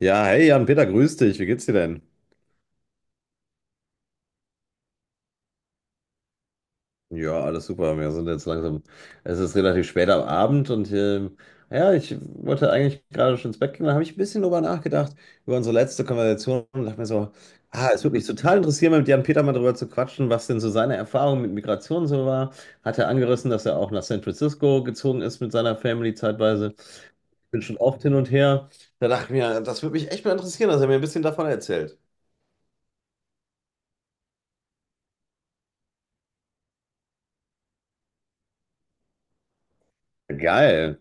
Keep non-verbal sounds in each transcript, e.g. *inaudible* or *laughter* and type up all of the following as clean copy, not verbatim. Ja, hey Jan-Peter, grüß dich. Wie geht's dir denn? Ja, alles super. Wir sind jetzt langsam. Es ist relativ spät am Abend und ja, ich wollte eigentlich gerade schon ins Bett gehen. Da habe ich ein bisschen drüber nachgedacht, über unsere letzte Konversation und dachte mir so, ah, es würde mich total interessieren, mit Jan-Peter mal drüber zu quatschen, was denn so seine Erfahrung mit Migration so war. Hat er angerissen, dass er auch nach San Francisco gezogen ist mit seiner Family zeitweise. Bin schon oft hin und her. Da dachte ich mir, das würde mich echt mal interessieren, dass er mir ein bisschen davon erzählt. Geil.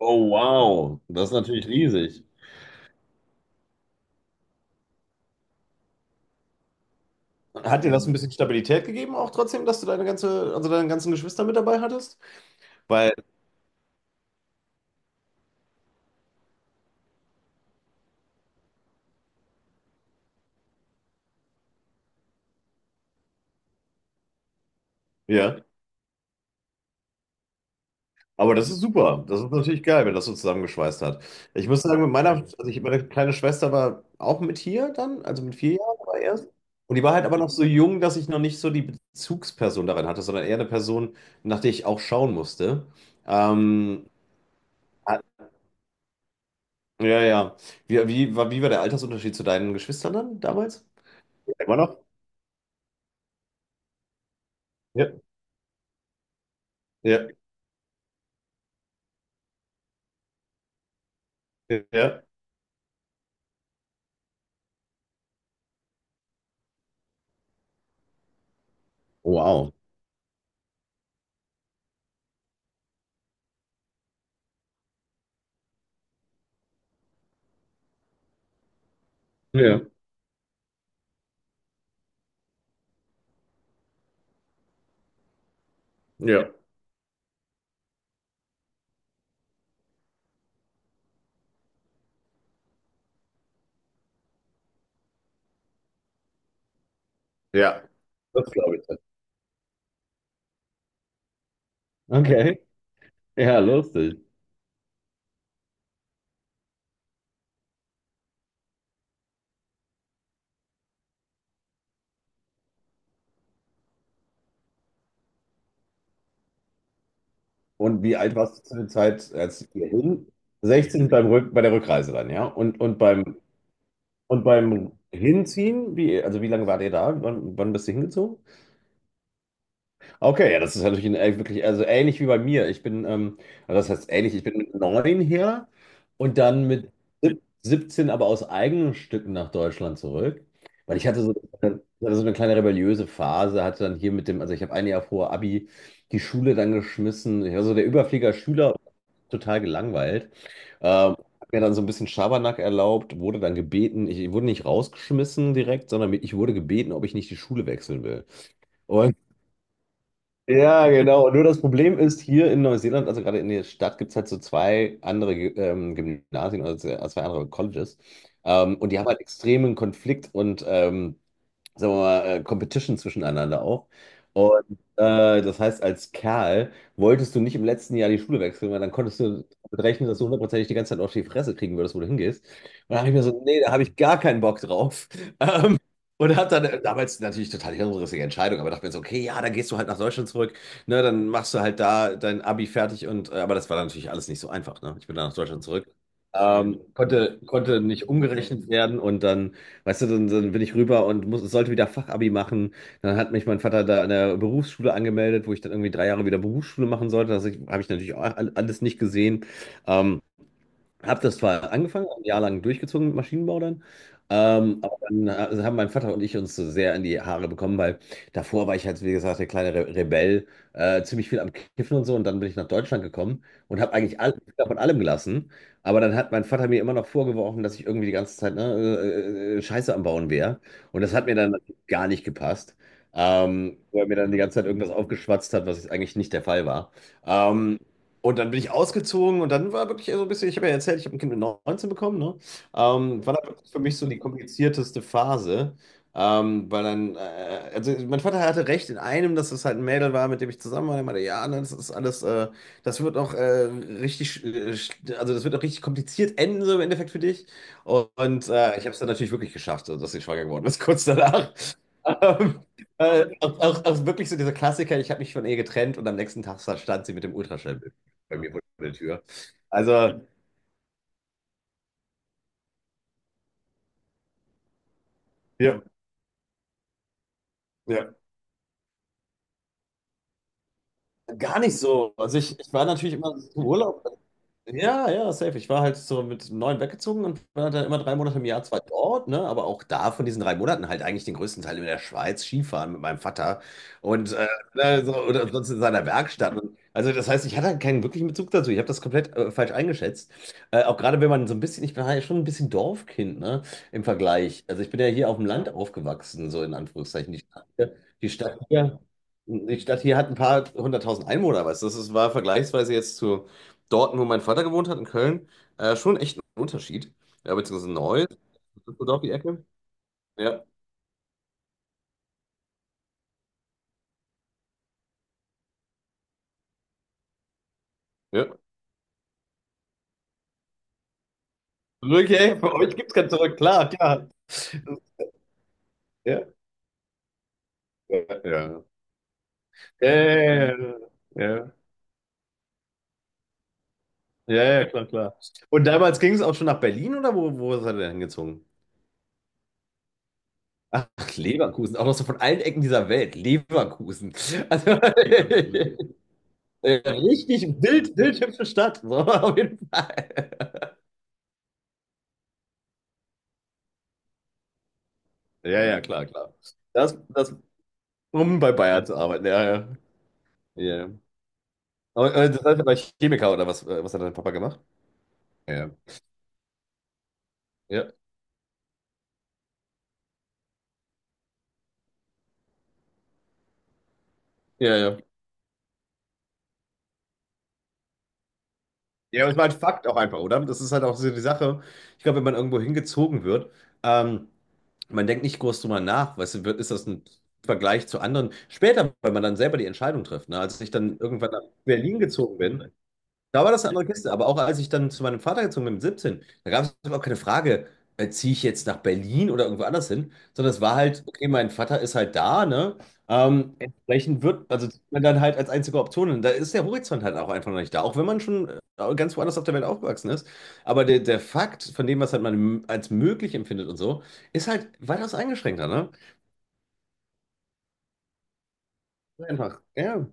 Oh, wow. Das ist natürlich riesig. Hat dir das ein bisschen Stabilität gegeben, auch trotzdem, dass du deine ganze, also deine ganzen Geschwister mit dabei hattest? Weil, ja. Aber das ist super. Das ist natürlich geil, wenn das so zusammengeschweißt hat. Ich muss sagen, mit meiner, also ich, meine kleine Schwester war auch mit hier dann, also mit 4 Jahren war erst. Und die war halt aber noch so jung, dass ich noch nicht so die Bezugsperson darin hatte, sondern eher eine Person, nach der ich auch schauen musste. Ähm, ja, ja. Wie war der Altersunterschied zu deinen Geschwistern dann damals? Immer noch? Ja. Ja, ja, wow, ja, ja, ja, das glaube ich. Okay. Ja, lustig. Und wie alt warst du zu der Zeit, als wir hin? 16 bei der Rückreise dann, ja? Und beim Hinziehen, also wie lange wart ihr da? Wann bist du hingezogen? Okay, ja, das ist natürlich ein wirklich, also ähnlich wie bei mir. Ich bin, also das heißt ähnlich, ich bin mit 9 her und dann mit 17 aber aus eigenen Stücken nach Deutschland zurück. Weil ich hatte so eine kleine rebelliöse Phase, hatte dann hier mit dem, also ich habe ein Jahr vor Abi die Schule dann geschmissen. Ich war so der Überflieger-Schüler, total gelangweilt. Hab mir dann so ein bisschen Schabernack erlaubt, wurde dann gebeten, ich wurde nicht rausgeschmissen direkt, sondern ich wurde gebeten, ob ich nicht die Schule wechseln will. Ja, genau. Nur das Problem ist, hier in Neuseeland, also gerade in der Stadt, gibt es halt so zwei andere Gymnasien oder zwei andere Colleges. Und die haben halt extremen Konflikt und, sagen wir mal, Competition zwischeneinander auch. Und das heißt, als Kerl wolltest du nicht im letzten Jahr die Schule wechseln, weil dann konntest du damit rechnen, dass du hundertprozentig die ganze Zeit auf die Fresse kriegen würdest, wo du hingehst. Und da habe ich mir so, nee, da habe ich gar keinen Bock drauf. Und habe dann damals natürlich total die hirnrissige Entscheidung, aber dachte mir so, okay, ja, dann gehst du halt nach Deutschland zurück, ne, dann machst du halt da dein Abi fertig und, aber das war dann natürlich alles nicht so einfach, ne? Ich bin dann nach Deutschland zurück. Konnte nicht umgerechnet werden und dann, weißt du, dann bin ich rüber und sollte wieder Fachabi machen. Dann hat mich mein Vater da an der Berufsschule angemeldet, wo ich dann irgendwie 3 Jahre wieder Berufsschule machen sollte. Das habe ich natürlich auch alles nicht gesehen. Ähm, habe das zwar angefangen, ein Jahr lang durchgezogen mit Maschinenbau dann, also haben mein Vater und ich uns so sehr in die Haare bekommen, weil davor war ich halt, wie gesagt, der kleine Re Rebell, ziemlich viel am Kiffen und so und dann bin ich nach Deutschland gekommen und habe eigentlich alles von allem gelassen, aber dann hat mein Vater mir immer noch vorgeworfen, dass ich irgendwie die ganze Zeit Scheiße am Bauen wäre und das hat mir dann gar nicht gepasst, weil er mir dann die ganze Zeit irgendwas aufgeschwatzt hat, was eigentlich nicht der Fall war. Ähm, und dann bin ich ausgezogen und dann war wirklich so ein bisschen, ich habe ja erzählt, ich habe ein Kind mit 19 bekommen, ne? War dann wirklich für mich so die komplizierteste Phase. Weil dann, also mein Vater hatte recht in einem, dass es halt ein Mädel war, mit dem ich zusammen war. Er meinte, ja, ne, das ist alles, das wird auch richtig, also das wird auch richtig kompliziert enden, so im Endeffekt für dich. Und ich habe es dann natürlich wirklich geschafft, also, dass sie schwanger geworden ist, *laughs* kurz danach. Ähm, auch wirklich so dieser Klassiker, ich habe mich von ihr getrennt und am nächsten Tag stand sie mit dem Ultraschall bei mir vor der Tür. Also, ja, ja, gar nicht so. Also ich war natürlich immer im Urlaub. Ja, ja, safe. Ich war halt so mit 9 weggezogen und war dann immer 3 Monate im Jahr zwar dort, ne, aber auch da von diesen 3 Monaten halt eigentlich den größten Teil in der Schweiz Skifahren mit meinem Vater und, ne, so, oder sonst in seiner Werkstatt. Und, also das heißt, ich hatte halt keinen wirklichen Bezug dazu. Ich habe das komplett falsch eingeschätzt. Auch gerade wenn man so ein bisschen, ich bin halt schon ein bisschen Dorfkind, ne, im Vergleich. Also ich bin ja hier auf dem Land aufgewachsen, so in Anführungszeichen. Die Stadt hier, Die Stadt hier hat ein paar hunderttausend Einwohner, weißt du. Das ist, war vergleichsweise jetzt zu dort, wo mein Vater gewohnt hat, in Köln, schon echt ein Unterschied. Ja, beziehungsweise Neuss, Düsseldorf die Ecke. Ja, ja. Zurück, ey, bei euch gibt's kein Zurück, klar, klar. Ja, ja, ja. Ja, ja, ja, ja, ja, Ja, ja, ja, klar, klar. Und damals ging es auch schon nach Berlin oder wo seid ihr denn hingezogen? Ach, Leverkusen, auch noch so von allen Ecken dieser Welt. Leverkusen. Also, *laughs* richtig wild, wild hübsche Stadt. So, auf jeden Fall. Ja, ja, klar, klar. Das, um bei Bayern zu arbeiten, ja, ja. Ja. Aber das heißt aber Chemiker oder was, was hat dein Papa gemacht? Ja. Ja, ja, ja. Ja, ich meine, Fakt auch einfach, oder? Das ist halt auch so die Sache. Ich glaube, wenn man irgendwo hingezogen wird, ähm, man denkt nicht groß drüber nach, weißt du, ist das ein Vergleich zu anderen? Später, wenn man dann selber die Entscheidung trifft, ne? Als ich dann irgendwann nach Berlin gezogen bin, da war das eine andere Kiste. Aber auch als ich dann zu meinem Vater gezogen bin mit 17, da gab es überhaupt keine Frage, ziehe ich jetzt nach Berlin oder irgendwo anders hin, sondern es war halt, okay, mein Vater ist halt da, ne? Entsprechend also zieht man dann halt als einzige Option hin. Da ist der Horizont halt auch einfach noch nicht da, auch wenn man schon ganz woanders auf der Welt aufgewachsen ist. Aber der Fakt von dem, was halt man als möglich empfindet und so, ist halt weitaus eingeschränkter, ne? Einfach, ja.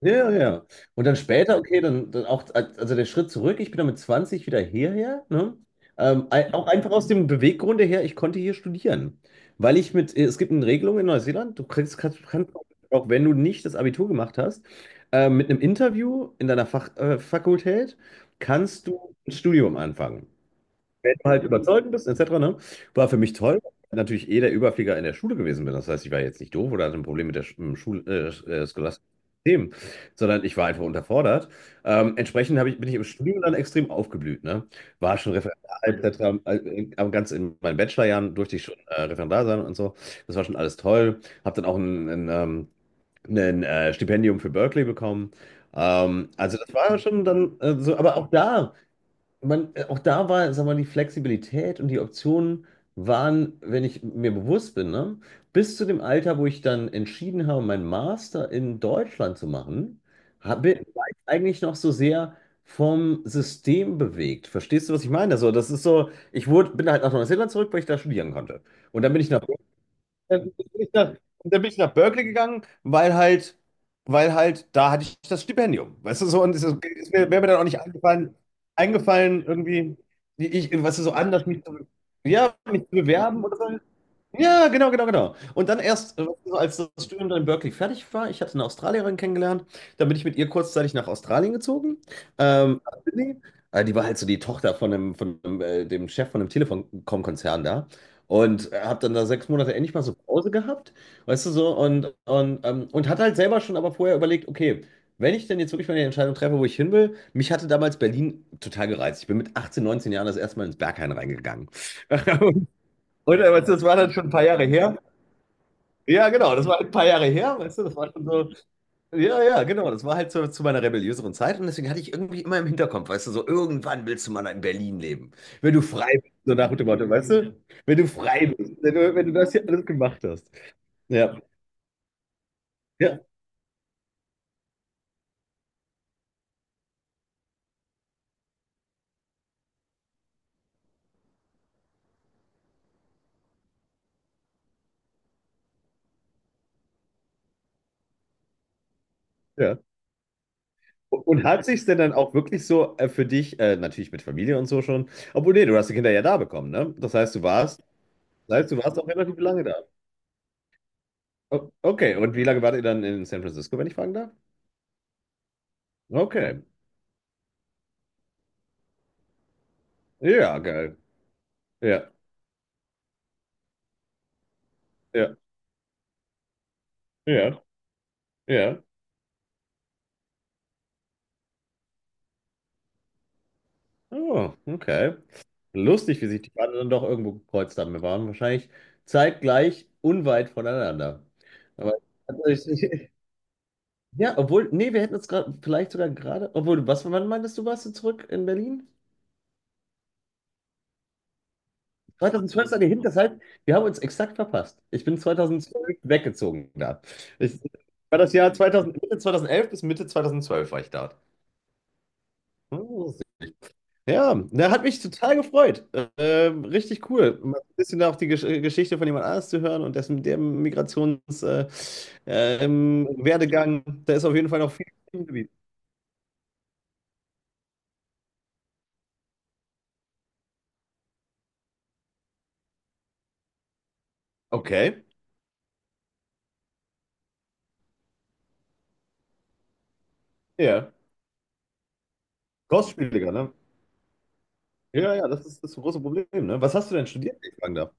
Ja, ja, ja. Und dann später, okay, dann auch, also der Schritt zurück, ich bin dann mit 20 wieder hierher, ne? Auch einfach aus dem Beweggrund her, ich konnte hier studieren. Weil ich mit, es gibt eine Regelung in Neuseeland, du kriegst, kannst auch, auch wenn du nicht das Abitur gemacht hast, mit einem Interview in deiner Fakultät kannst du ein Studium anfangen. Wenn du halt überzeugend bist, etc., ne? War für mich toll, weil ich natürlich eh der Überflieger in der Schule gewesen bin. Das heißt, ich war jetzt nicht doof oder hatte ein Problem mit der im scholastischen System, sondern ich war einfach unterfordert. Entsprechend bin ich im Studium dann extrem aufgeblüht, ne? War schon Referendar, etc., aber ganz in meinen Bachelorjahren durfte ich schon Referendar sein und so. Das war schon alles toll. Habe dann auch ein Stipendium für Berkeley bekommen. Also das war schon dann so, aber auch da auch da war, sag mal, die Flexibilität und die Optionen waren, wenn ich mir bewusst bin, ne, bis zu dem Alter, wo ich dann entschieden habe, meinen Master in Deutschland zu machen, war ich eigentlich noch so sehr vom System bewegt. Verstehst du, was ich meine? Also, das ist so, bin halt nach Neuseeland zurück, weil ich da studieren konnte. Und dann bin ich nach äh, bin Und dann bin ich nach Berkeley gegangen, weil halt da hatte ich das Stipendium. Weißt du, so, und es ist, es wäre wär mir dann auch nicht eingefallen irgendwie, wie ich, weißt du, so anders ja, mich zu bewerben oder so. Ja, genau, genau, genau. Und dann erst, so als das Studium dann in Berkeley fertig war, ich hatte eine Australierin kennengelernt, dann bin ich mit ihr kurzzeitig nach Australien gezogen, nach Sydney. Die war halt so die Tochter von dem, dem Chef von dem Telekom-Konzern da. Und habe dann da 6 Monate endlich mal so Pause gehabt, weißt du so, und hat halt selber schon aber vorher überlegt, okay, wenn ich denn jetzt wirklich mal die Entscheidung treffe, wo ich hin will, mich hatte damals Berlin total gereizt. Ich bin mit 18, 19 Jahren das erste Mal ins Berghain reingegangen. *laughs* Und, weißt du, das war dann schon ein paar Jahre her. Ja, genau, das war halt ein paar Jahre her, weißt du, das war schon so. Ja, ja, genau, das war halt so zu meiner rebelliöseren Zeit und deswegen hatte ich irgendwie immer im Hinterkopf, weißt du, so irgendwann willst du mal in Berlin leben, wenn du frei bist, so nach dem Motto, weißt du, wenn du frei bist, wenn du das hier alles gemacht hast. Ja, ja, ja. Und hat sich denn dann auch wirklich so für dich, natürlich mit Familie und so schon, obwohl nee, du hast die Kinder ja da bekommen, ne? Das heißt, das heißt, du warst auch relativ lange da. O okay, und wie lange wart ihr dann in San Francisco, wenn ich fragen darf? Okay, ja, geil. Ja, ja, ja, ja. Oh, okay. Lustig, wie sich die Pfade dann doch irgendwo gekreuzt haben. Wir waren wahrscheinlich zeitgleich unweit voneinander. Aber also ich, *laughs* ja, obwohl, nee, wir hätten uns gerade, vielleicht sogar gerade, obwohl, wann meintest du, warst du zurück in Berlin? 2012 seid ihr hin, das heißt, wir haben uns exakt verpasst. Ich bin 2012 weggezogen da. Ich war das Jahr 2000, Mitte 2011 bis Mitte 2012 war ich da. Hm, ja, der hat mich total gefreut. Richtig cool. Mal ein bisschen auch die Geschichte von jemand anders zu hören und dessen der Migrations Werdegang, da ist auf jeden Fall noch viel im Gebiet. Okay. Ja. Kostspieliger, ne? Ja, ja, das ist das große Problem, ne? Was hast du denn studiert, wenn ich fragen darf?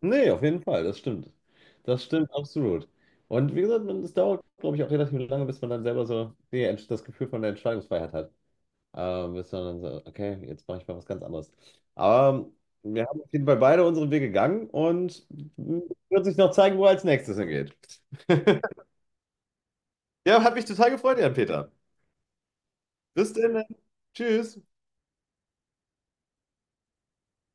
Nee, auf jeden Fall, das stimmt. Das stimmt absolut. Und wie gesagt, es dauert, glaube ich, auch relativ lange, bis man dann selber so das Gefühl von der Entscheidungsfreiheit hat. Bis man dann so, okay, jetzt mache ich mal was ganz anderes. Aber wir haben auf jeden Fall beide unseren Weg gegangen und hm, wird sich noch zeigen, wo er als nächstes hingeht. *laughs* Ja, hat mich total gefreut, Jan-Peter. Bis dann. Tschüss.